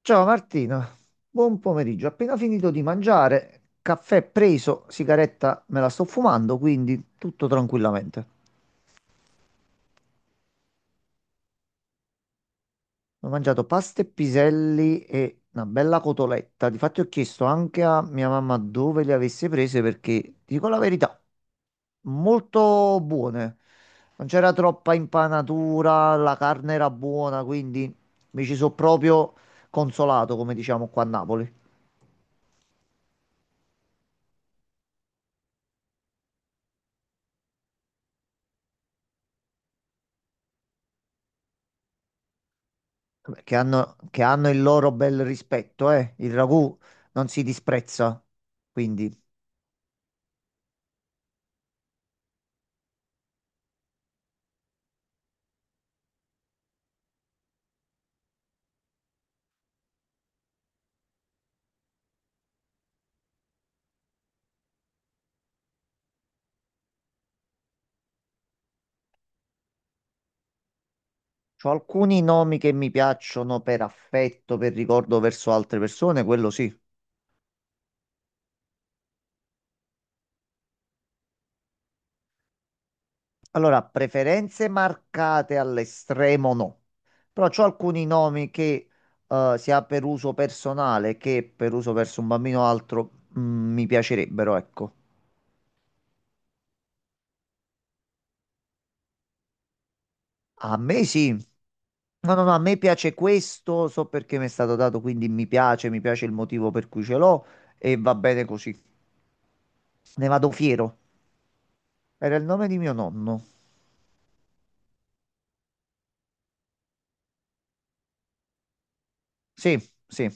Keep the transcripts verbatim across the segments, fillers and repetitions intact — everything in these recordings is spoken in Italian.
Ciao Martina, buon pomeriggio. Appena finito di mangiare, caffè preso, sigaretta me la sto fumando, quindi tutto tranquillamente. Ho mangiato pasta e piselli e una bella cotoletta. Difatti ho chiesto anche a mia mamma dove le avesse prese perché, ti dico la verità, molto buone. Non c'era troppa impanatura, la carne era buona, quindi mi ci sono proprio consolato, come diciamo qua a Napoli. Vabbè, che hanno, che hanno il loro bel rispetto, eh? Il ragù non si disprezza. Quindi, c'ho alcuni nomi che mi piacciono per affetto, per ricordo verso altre persone, quello sì. Allora, preferenze marcate all'estremo no. Però c'ho alcuni nomi che eh, sia per uso personale che per uso verso un bambino o altro mm, mi piacerebbero, ecco. A me sì. No, no, no, a me piace questo, so perché mi è stato dato, quindi mi piace, mi piace il motivo per cui ce l'ho e va bene così. Ne vado fiero. Era il nome di mio nonno. Sì, sì.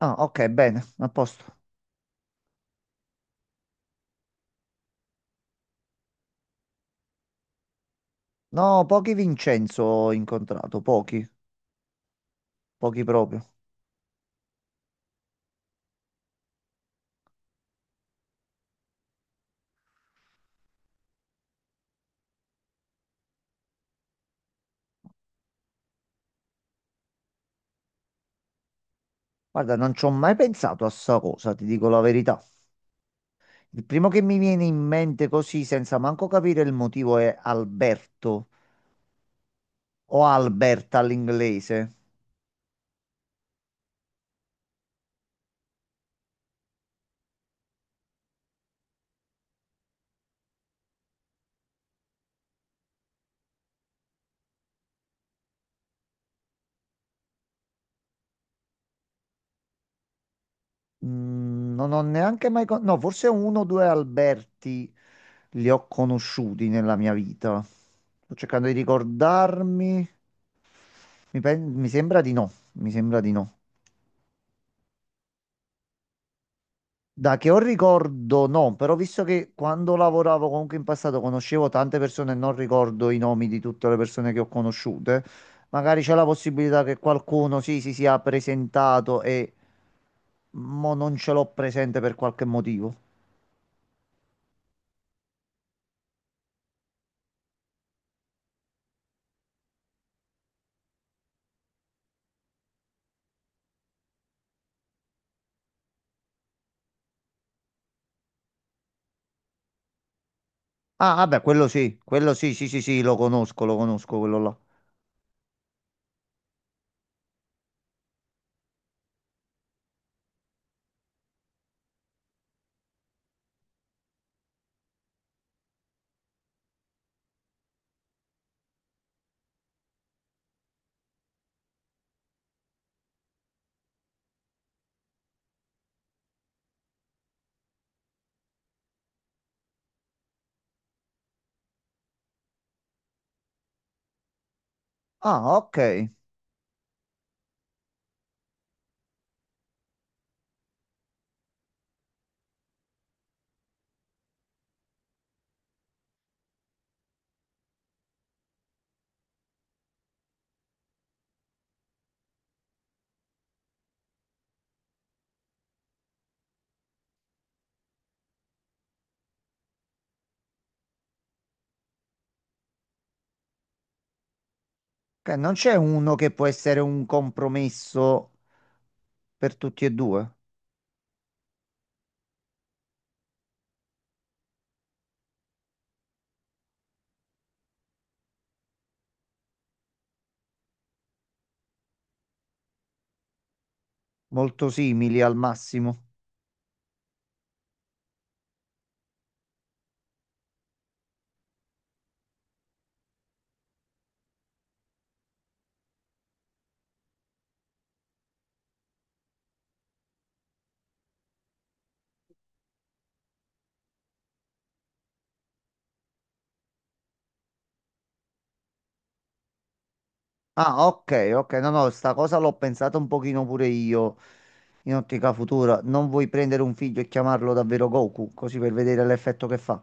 Ah, ok, bene, a posto. No, pochi Vincenzo ho incontrato, pochi, pochi proprio. Guarda, non ci ho mai pensato a sta cosa, ti dico la verità. Il primo che mi viene in mente così, senza manco capire il motivo, è Alberto o Alberta all'inglese. Mm, non ho neanche mai... con- No, forse uno o due Alberti li ho conosciuti nella mia vita. Sto cercando di ricordarmi. Mi, pen- mi sembra di no, mi sembra di no. Da che ho ricordo, no, però visto che quando lavoravo comunque in passato conoscevo tante persone e non ricordo i nomi di tutte le persone che ho conosciute, magari c'è la possibilità che qualcuno sì, si sia presentato e mo non ce l'ho presente per qualche motivo. Ah, vabbè, quello sì, quello sì, sì, sì, sì, lo conosco, lo conosco quello là. Ah, ok. Ok, non c'è uno che può essere un compromesso per tutti e due, molto simili al massimo. Ah, ok, ok, no, no, sta cosa l'ho pensata un pochino pure io in ottica futura. Non vuoi prendere un figlio e chiamarlo davvero Goku, così per vedere l'effetto che fa.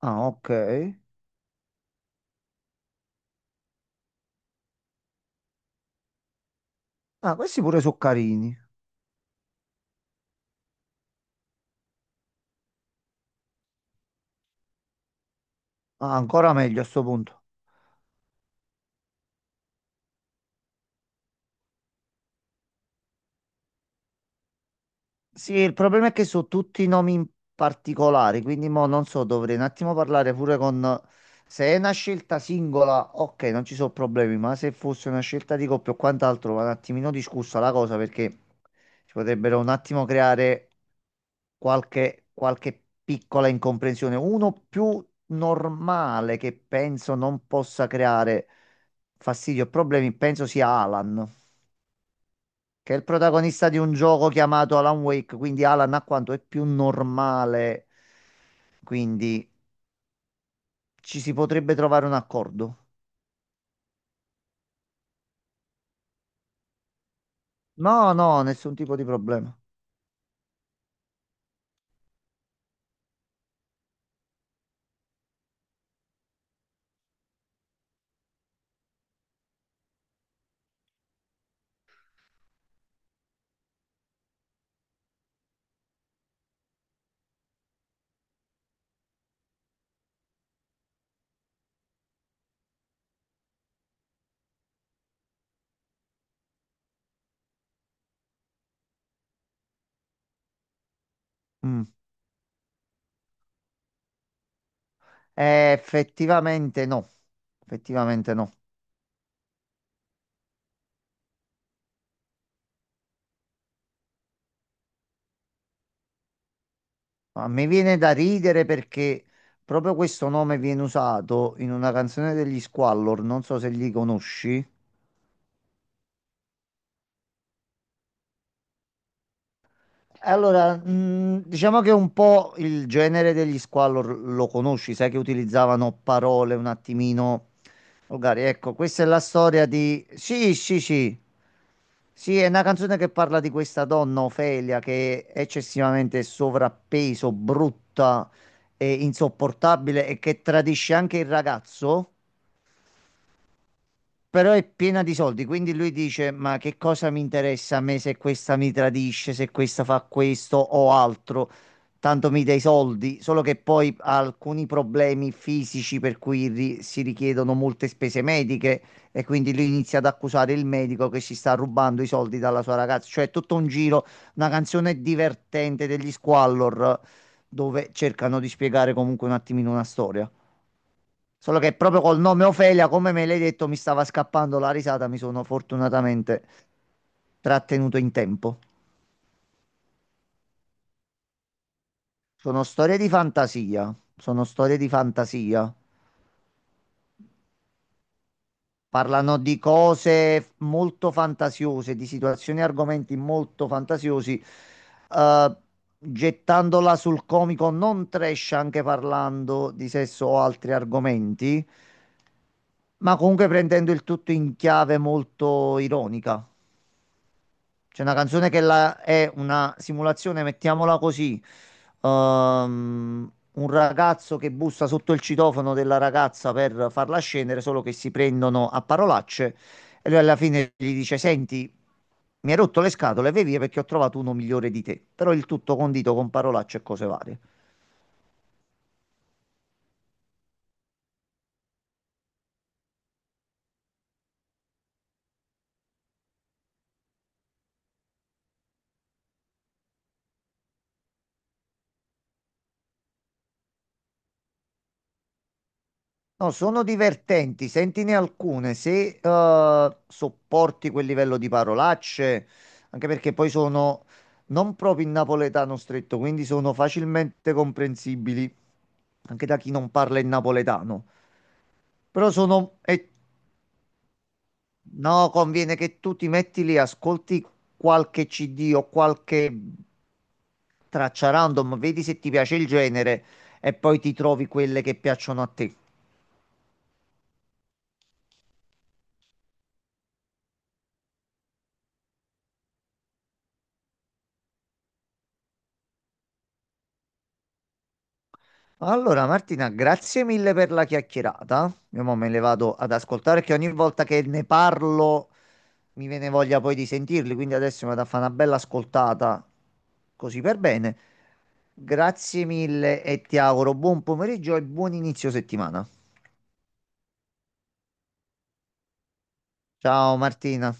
Ah, ok. Ah, questi pure sono carini. Ah, ancora meglio a sto punto. Sì, il problema è che so tutti i nomi in particolare, quindi mo non so, dovrei un attimo parlare pure con... Se è una scelta singola, ok, non ci sono problemi, ma se fosse una scelta di coppia o quant'altro, va un attimino discussa la cosa perché si potrebbero un attimo creare qualche, qualche piccola incomprensione. Uno più normale che penso non possa creare fastidio o problemi, penso sia Alan che è il protagonista di un gioco chiamato Alan Wake, quindi Alan a quanto è più normale, quindi ci si potrebbe trovare un accordo. No, no, nessun tipo di problema. Mm. Eh, effettivamente no, effettivamente no. Ma mi viene da ridere perché proprio questo nome viene usato in una canzone degli Squallor, non so se li conosci. Allora, mh, diciamo che un po' il genere degli Squallor lo conosci, sai che utilizzavano parole un attimino volgari. Ecco, questa è la storia di... Sì, sì, sì. Sì, è una canzone che parla di questa donna, Ofelia, che è eccessivamente sovrappeso, brutta e insopportabile e che tradisce anche il ragazzo però è piena di soldi, quindi lui dice: Ma che cosa mi interessa a me se questa mi tradisce, se questa fa questo o altro? Tanto mi dai soldi, solo che poi ha alcuni problemi fisici per cui ri- si richiedono molte spese mediche e quindi lui inizia ad accusare il medico che si sta rubando i soldi dalla sua ragazza. Cioè, è tutto un giro, una canzone divertente degli Squallor dove cercano di spiegare comunque un attimino una storia. Solo che proprio col nome Ofelia, come me l'hai detto, mi stava scappando la risata, mi sono fortunatamente trattenuto in tempo. Sono storie di fantasia, sono storie di fantasia. Parlano di cose molto fantasiose, di situazioni e argomenti molto fantasiosi, eh, gettandola sul comico non trash, anche parlando di sesso o altri argomenti, ma comunque prendendo il tutto in chiave molto ironica. C'è una canzone che la- è una simulazione, mettiamola così. ehm, un ragazzo che bussa sotto il citofono della ragazza per farla scendere, solo che si prendono a parolacce e lui alla fine gli dice: Senti, mi hai rotto le scatole, vai via perché ho trovato uno migliore di te. Però il tutto condito con parolacce e cose varie. No, sono divertenti, sentine alcune se eh, sopporti quel livello di parolacce, anche perché poi sono non proprio in napoletano stretto, quindi sono facilmente comprensibili anche da chi non parla il napoletano. Però sono... e- no, conviene che tu ti metti lì, ascolti qualche C D o qualche traccia random, vedi se ti piace il genere e poi ti trovi quelle che piacciono a te. Allora, Martina, grazie mille per la chiacchierata. Io mo me le vado ad ascoltare che ogni volta che ne parlo mi viene voglia poi di sentirli, quindi adesso mi vado a fare una bella ascoltata così per bene. Grazie mille e ti auguro buon pomeriggio e buon inizio settimana. Ciao Martina.